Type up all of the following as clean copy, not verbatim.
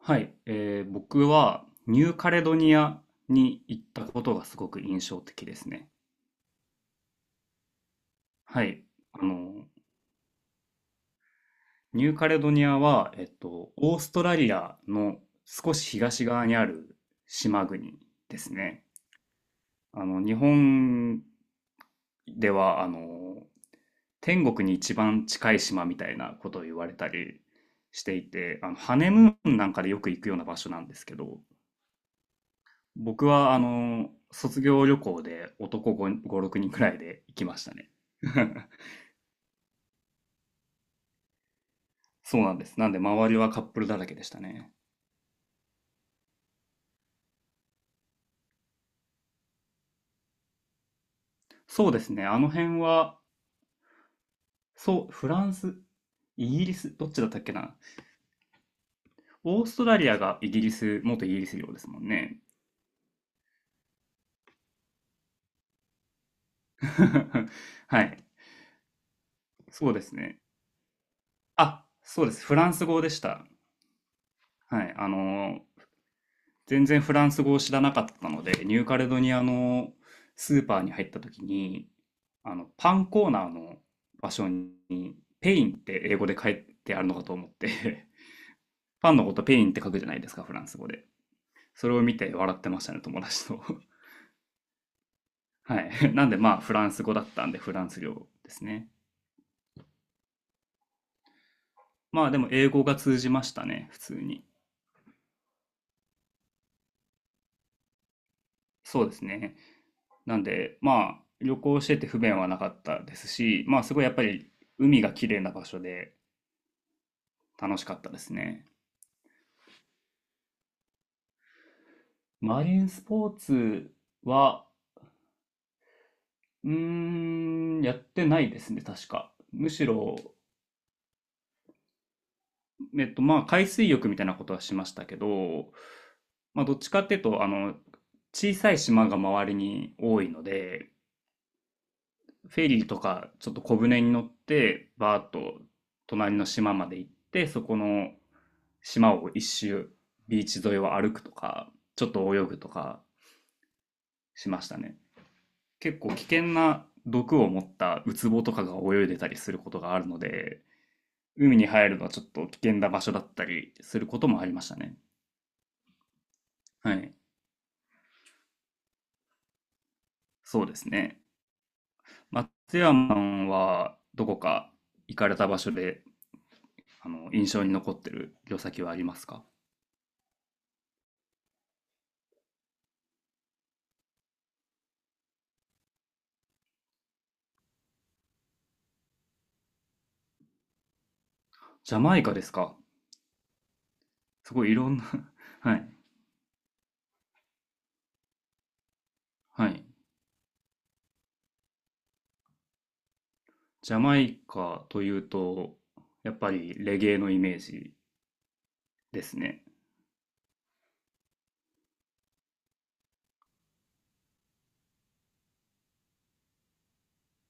はい、僕はニューカレドニアに行ったことがすごく印象的ですね。はい、あの、ニューカレドニアは、オーストラリアの少し東側にある島国ですね。日本では、天国に一番近い島みたいなことを言われたりしていて、ハネムーンなんかでよく行くような場所なんですけど、僕は、卒業旅行で男5、6人くらいで行きましたね。そうなんです。なんで、周りはカップルだらけでしたね。そうですね。あの辺は、そう、フランス、イギリス、どっちだったっけな。オーストラリアがイギリス、元イギリス領ですもんね。はい。そうですね。あ、そうです。フランス語でした。はい。全然フランス語を知らなかったので、ニューカレドニアのスーパーに入った時に、パンコーナーの場所に、ペインって英語で書いてあるのかと思って パンのことペインって書くじゃないですか、フランス語で。それを見て笑ってましたね、友達と はい。なんでまあ、フランス語だったんで、フランス料ですね。まあ、でも英語が通じましたね、普通に。そうですね。なんで、まあ、旅行してて不便はなかったですし、まあ、すごいやっぱり海が綺麗な場所で楽しかったですね。マリンスポーツは、うーん、やってないですね、確か。むしろ、まあ、海水浴みたいなことはしましたけど、まあ、どっちかっていうと、小さい島が周りに多いので、フェリーとか、ちょっと小船に乗って、バーッと隣の島まで行って、そこの島を一周、ビーチ沿いを歩くとか、ちょっと泳ぐとかしましたね。結構危険な毒を持ったウツボとかが泳いでたりすることがあるので、海に入るのはちょっと危険な場所だったりすることもありましたね。はい。そうですね。松山はどこか行かれた場所で、印象に残ってる旅先はありますか？ジャマイカですか？すごいいろんな はい。はい。ジャマイカというと、やっぱりレゲエのイメージですね。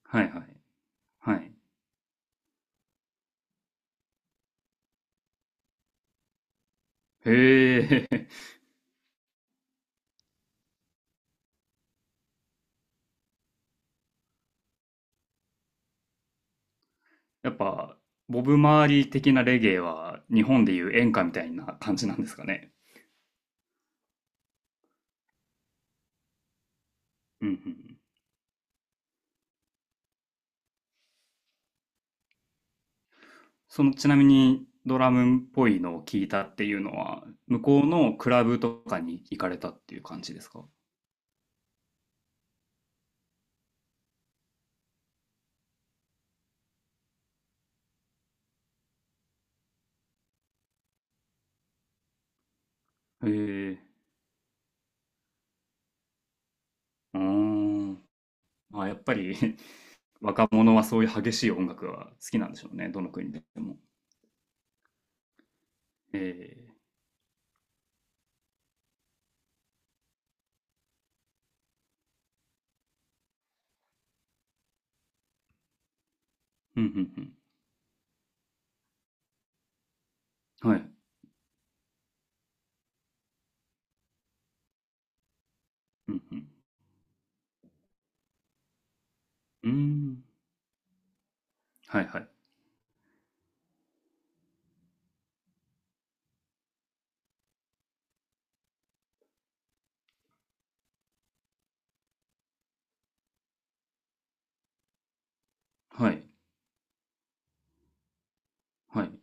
はいはい。はい。へえ。やっぱ、ボブ・マーリー的なレゲエは日本でいう演歌みたいな感じなんですかね。うんうん。ちなみにドラムっぽいのを聞いたっていうのは、向こうのクラブとかに行かれたっていう感じですか？へえ。うーん。まあ、やっぱり 若者はそういう激しい音楽が好きなんでしょうね。どの国でも。ええ。うんうんうん。はい。うんうん。うーん。はいはい。はい。はい。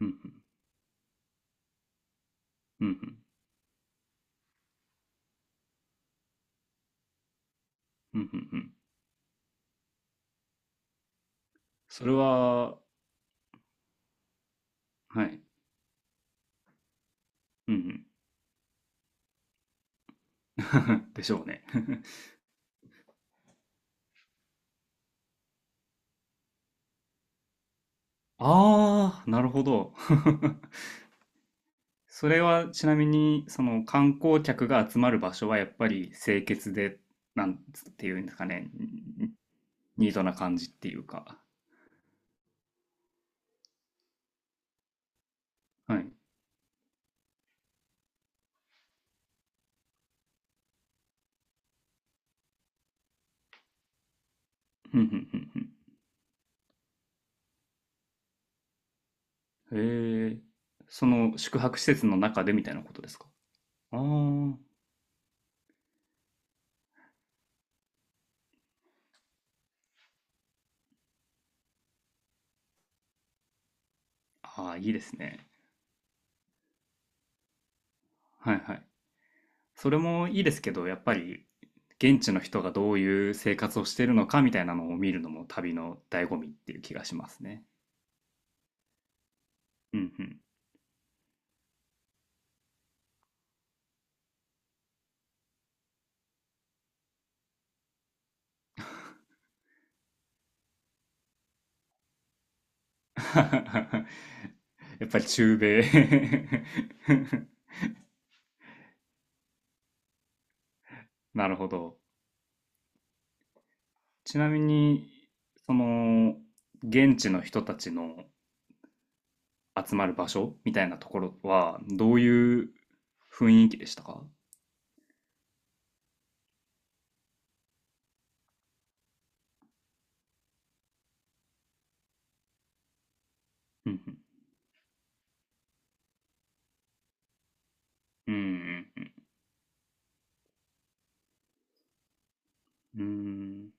うんうん。うんうん。うんうんうん。それは、はい。うんうん。でしょうね。ああ、なるほど。それはちなみに、その観光客が集まる場所はやっぱり清潔で、なんっていうんですかね、ニートな感じっていうか。はい。ふんふんふんふん。へえ。その宿泊施設の中でみたいなことですか？あーあー、いいですね。はいはい。それもいいですけど、やっぱり現地の人がどういう生活をしてるのかみたいなのを見るのも旅の醍醐味っていう気がしますね。うんうん。やっぱり中米 なるほど。ちなみに、その、現地の人たちの集まる場所みたいなところは、どういう雰囲気でしたか？うんうん。うんうんうん。ーん。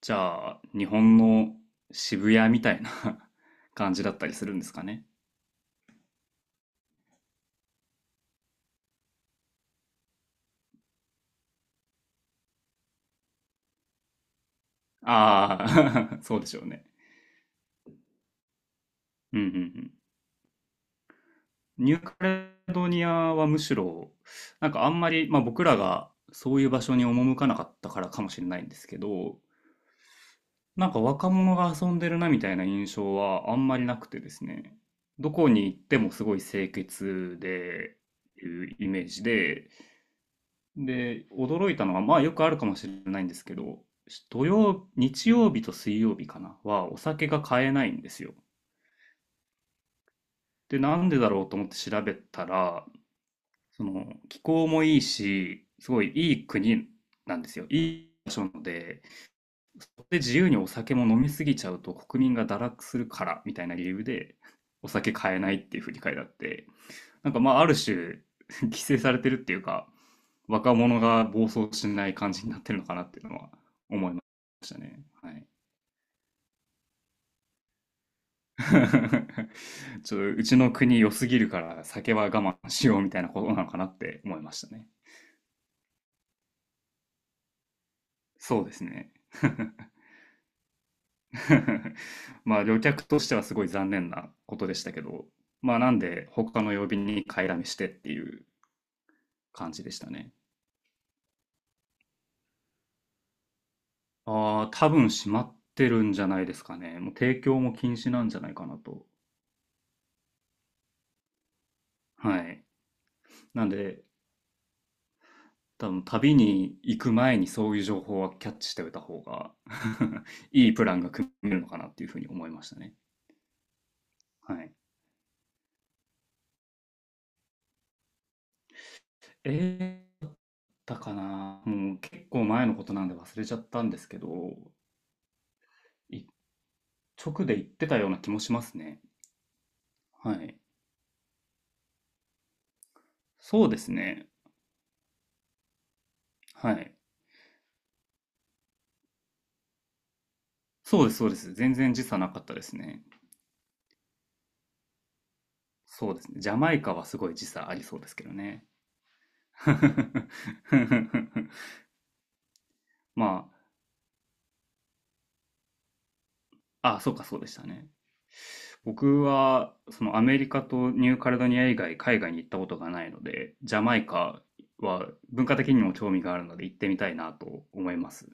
じゃあ、日本の渋谷みたいな 感じだったりするんですかね。ああ、そうでしょうね。うんうんうん。ニューカレドニアはむしろ、なんかあんまり、まあ僕らがそういう場所に赴かなかったからかもしれないんですけど、なんか若者が遊んでるなみたいな印象はあんまりなくてですね、どこに行ってもすごい清潔で、いうイメージで、で、驚いたのは、まあよくあるかもしれないんですけど、土曜、日曜日と水曜日かな、はお酒が買えないんですよ。で、なんでだろうと思って調べたら、その気候もいいし、すごいいい国なんですよ。いい場所なので、で自由にお酒も飲みすぎちゃうと国民が堕落するからみたいな理由でお酒買えないっていうふうに書いてあって、なんかまあある種 規制されてるっていうか、若者が暴走しない感じになってるのかなっていうのは思いましたね。はい。ちょっとうちの国良すぎるから酒は我慢しようみたいなことなのかなって思いましたね。そうですね。まあ旅客としてはすごい残念なことでしたけど、まあなんで他の曜日に買いだめしてっていう感じでしたね。ああ、多分閉まってるんじゃないですかね。もう提供も禁止なんじゃないかなと。はい。なんで多分旅に行く前にそういう情報はキャッチしておいた方が いいプランが組めるのかなっていうふうに思いましたね。はい。えーだったかなもう結構前のことなんで忘れちゃったんですけど、一直で言ってたような気もしますね。はい。そうですね。はい。そうです、そうです。全然時差なかったですね。そうですね。ジャマイカはすごい時差ありそうですけどね。まあ、あ、そうか、そうでしたね。僕は、そのアメリカとニューカレドニア以外海外に行ったことがないので、ジャマイカは文化的にも興味があるので行ってみたいなと思います。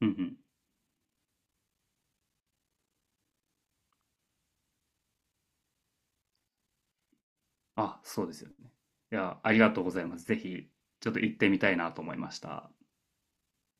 うんうん。あ、そうですよね。いや、ありがとうございます。ぜひ、ちょっと行ってみたいなと思いました。